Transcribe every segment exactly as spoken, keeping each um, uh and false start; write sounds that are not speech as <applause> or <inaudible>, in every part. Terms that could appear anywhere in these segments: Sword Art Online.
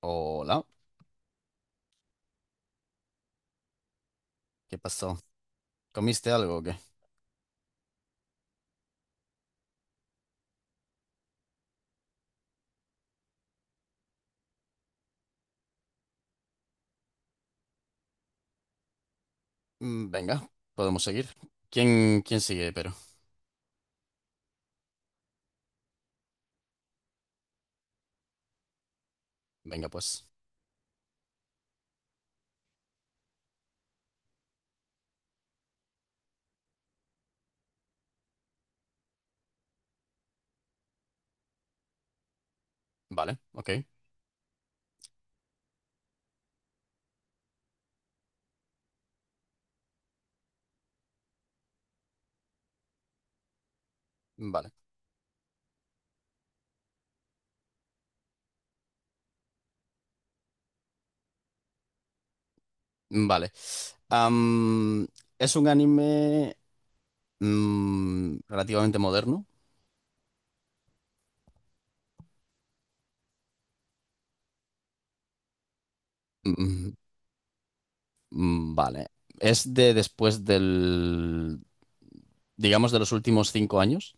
Hola, ¿qué pasó? ¿Comiste algo o qué? Mm, venga, podemos seguir. ¿Quién, quién sigue, pero? Venga, pues. Vale, ok, vale, vale. Am, es un anime mm, relativamente moderno. Mm, mm, vale. Es de después del, digamos, de los últimos cinco años.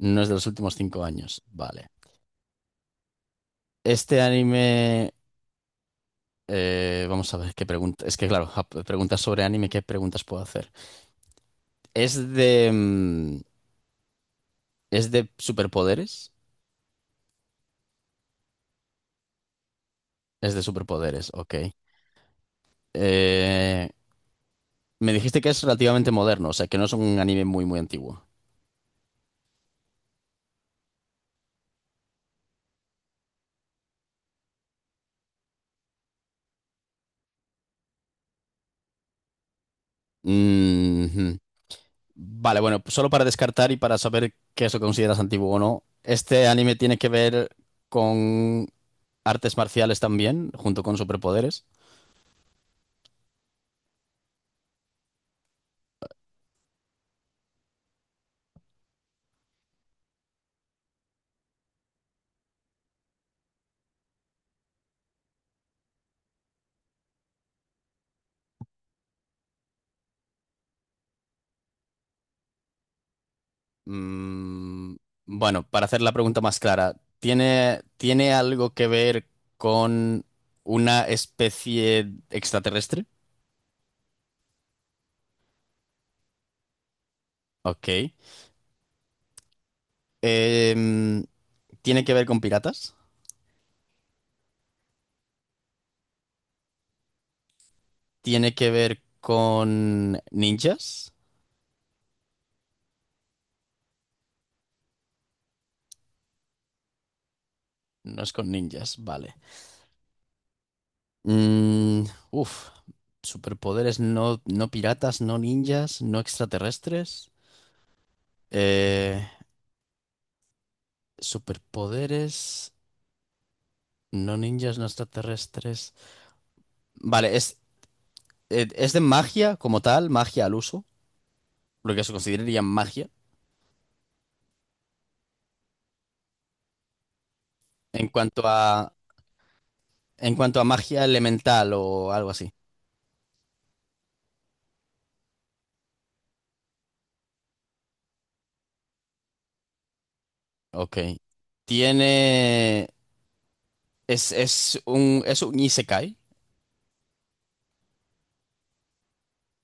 No es de los últimos cinco años, vale. Este anime, eh, vamos a ver qué pregunta. Es que, claro, ja- preguntas sobre anime, ¿qué preguntas puedo hacer? Es de. mm, Es de superpoderes. Es de superpoderes, ok. Eh, Me dijiste que es relativamente moderno, o sea, que no es un anime muy, muy antiguo. Mhm. Vale, bueno, pues solo para descartar y para saber qué es lo que consideras antiguo o no, ¿este anime tiene que ver con artes marciales también, junto con superpoderes? Mm, bueno, para hacer la pregunta más clara, ¿tiene, tiene algo que ver con una especie extraterrestre? Ok. Em, ¿tiene que ver con piratas? ¿Tiene que ver con ninjas? No es con ninjas, vale. Mm, uf, superpoderes no, no piratas, no ninjas, no extraterrestres. Eh, Superpoderes no ninjas, no extraterrestres. Vale, es, eh, es de magia como tal, magia al uso, lo que se consideraría magia. En cuanto a, en cuanto a magia elemental o algo así. Ok. Tiene. Es, es un. Es un isekai.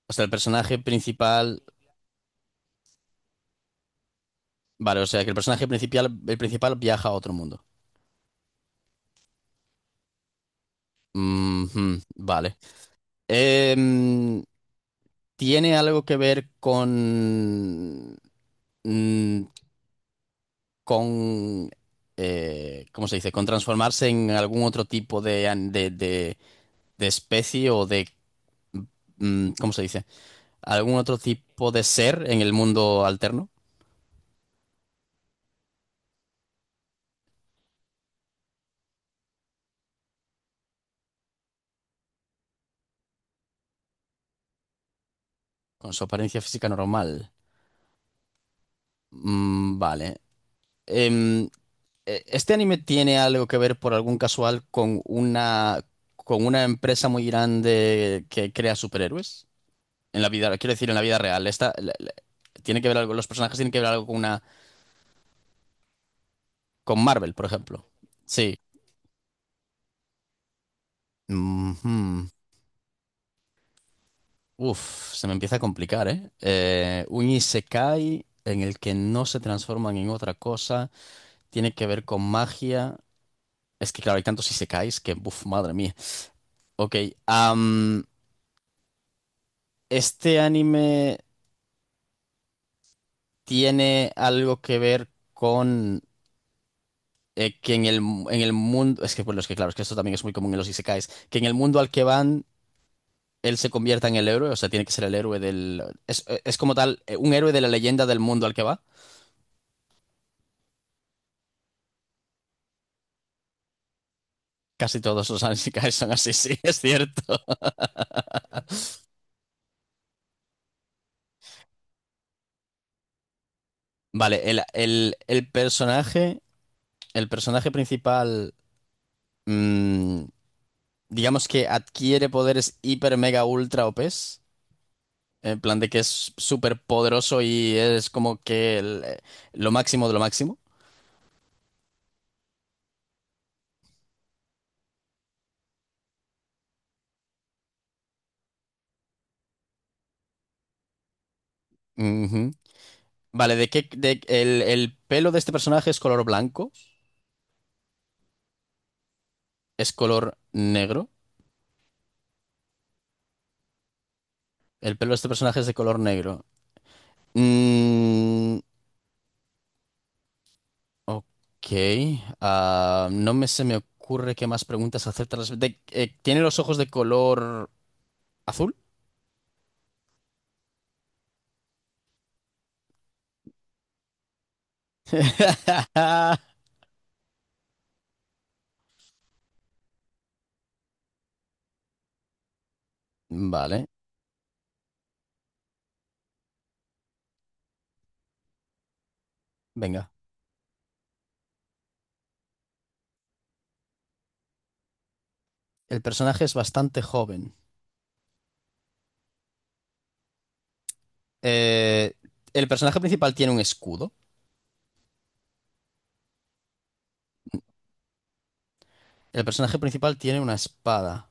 O sea, el personaje principal. Vale, o sea que el personaje principal, el principal viaja a otro mundo. Ujú, vale. Em, ¿tiene algo que ver con. mm, con. eh, ¿cómo se dice? Con transformarse en algún otro tipo de, an- de, de- de especie o de. mm, ¿cómo se dice? ¿Algún otro tipo de ser en el mundo alterno? Con su apariencia física normal. Mm, vale. Em, eh, ¿este anime tiene algo que ver por algún casual con una, con una empresa muy grande que crea superhéroes? En la vida, quiero decir, en la vida real. Esta, la- la- tiene que ver algo, los personajes tienen que ver algo con una, con Marvel, por ejemplo. Sí. Ujú. Uf, se me empieza a complicar, ¿eh? Eh, un isekai en el que no se transforman en otra cosa, tiene que ver con magia. Es que claro, hay tantos isekais que, buf, madre mía. Ok, am, ¿este anime tiene algo que ver con eh, que en el, en el mundo... Es que, bueno, es que claro, es que esto también es muy común en los isekais, que en el mundo al que van, él se convierta en el héroe, o sea, tiene que ser el héroe del... Es, es como tal, eh, un héroe de la leyenda del mundo al que va. Casi todos los <laughs> isekais son así, <laughs> sí, es cierto. Vale, el, el, el personaje, el personaje principal... mm, digamos que adquiere poderes hiper, mega, ultra o OPs, en plan de que es súper poderoso y es como que el- eh, lo máximo de lo máximo. Ujú. Vale, ¿de qué? de- el, el pelo de este personaje es color blanco, es color negro. El pelo de este personaje es de color negro. Mm, ok. Ah, no me se me ocurre qué más preguntas hacerte. Al respecto. De- eh, ¿tiene los ojos de color azul? <laughs> Vale, venga. El personaje es bastante joven. Eh, el personaje principal tiene un escudo. El personaje principal tiene una espada.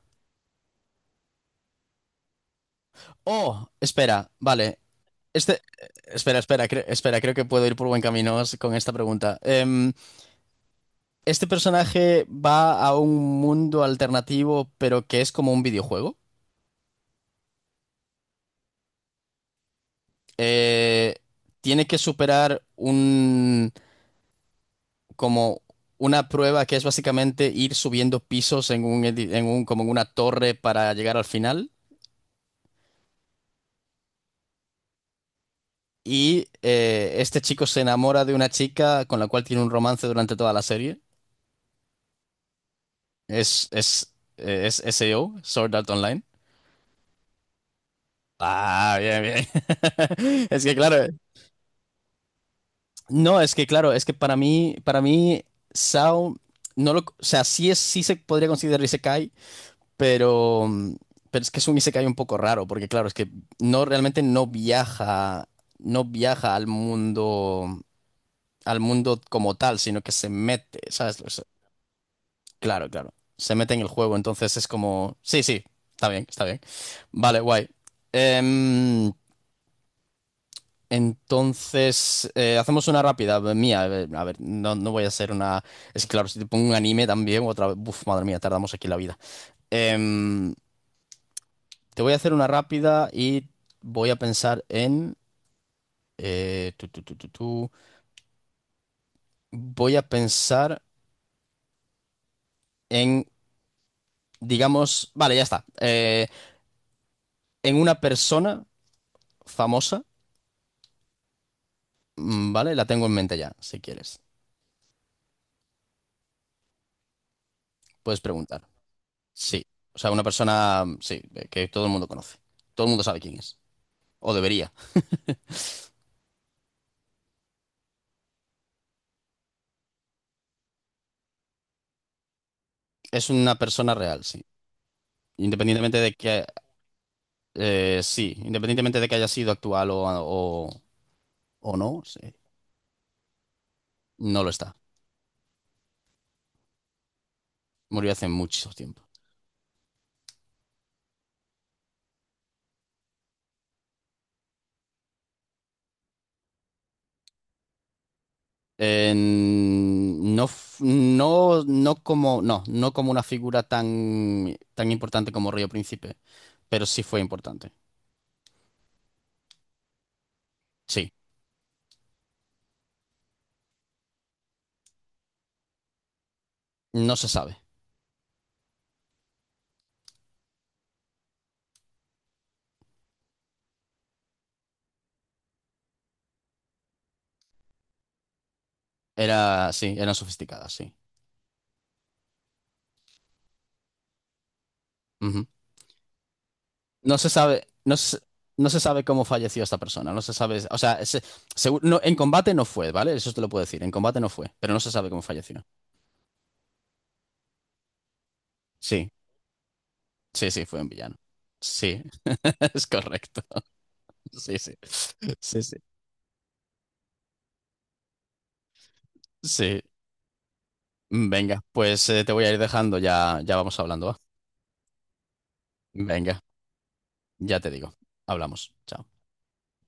Oh, espera, vale. Este, espera, espera, cre- espera, creo que puedo ir por buen camino s- con esta pregunta. Em, este personaje va a un mundo alternativo, pero que es como un videojuego. Eh, Tiene que superar un, como una prueba que es básicamente ir subiendo pisos en un, edi- en un, como en una torre para llegar al final. Y eh, este chico se enamora de una chica con la cual tiene un romance durante toda la serie. Es, es, eh, es S A O, Sword Art Online. Ah, bien, bien. <laughs> Es que claro, no, es que claro, es que para mí, para mí, S A O, no lo, o sea, sí es, sí se podría considerar Isekai, pero, mm, pero es que es un Isekai un poco raro, porque claro, es que no, realmente no viaja, no viaja al mundo, al mundo como tal, sino que se mete, ¿sabes? Claro, claro. Se mete en el juego, entonces es como... Sí, sí, está bien, está bien. Vale, guay. Em, entonces, eh, hacemos una rápida eh, mía. eh, A ver, no, no voy a hacer una... Es que claro, si te pongo un anime también, otra vez... Uf, madre mía, tardamos aquí la vida. Em, Te voy a hacer una rápida y voy a pensar en... eh, tu, tu, tu, tu, tu. Voy a pensar en, digamos... Vale, ya está. Eh, en una persona famosa. Mm, vale, la tengo en mente ya, si quieres. Puedes preguntar. Sí. O sea, una persona, mm, sí, eh, que todo el mundo conoce. Todo el mundo sabe quién es. O debería. Es una persona real, sí. Independientemente de que, eh, sí, independientemente de que haya sido actual o, o, o no, sí, no lo está. Murió hace mucho tiempo. En- no, f- no, no como, no, no como una figura tan, tan importante como Río Príncipe, pero sí fue importante. Sí, no se sabe. Era, sí, eran sofisticadas, sí. Ujú. No se sabe, no se, no se sabe cómo falleció esta persona, no se sabe, o sea, se- segu- no, en combate no fue, ¿vale? Eso te lo puedo decir, en combate no fue, pero no se sabe cómo falleció. Sí, sí, sí, fue un villano. Sí, <laughs> es correcto. Sí, sí, sí, sí. Sí, venga, pues eh, te voy a ir dejando, ya, ya vamos hablando, ¿va? Venga, ya te digo, hablamos. Chao.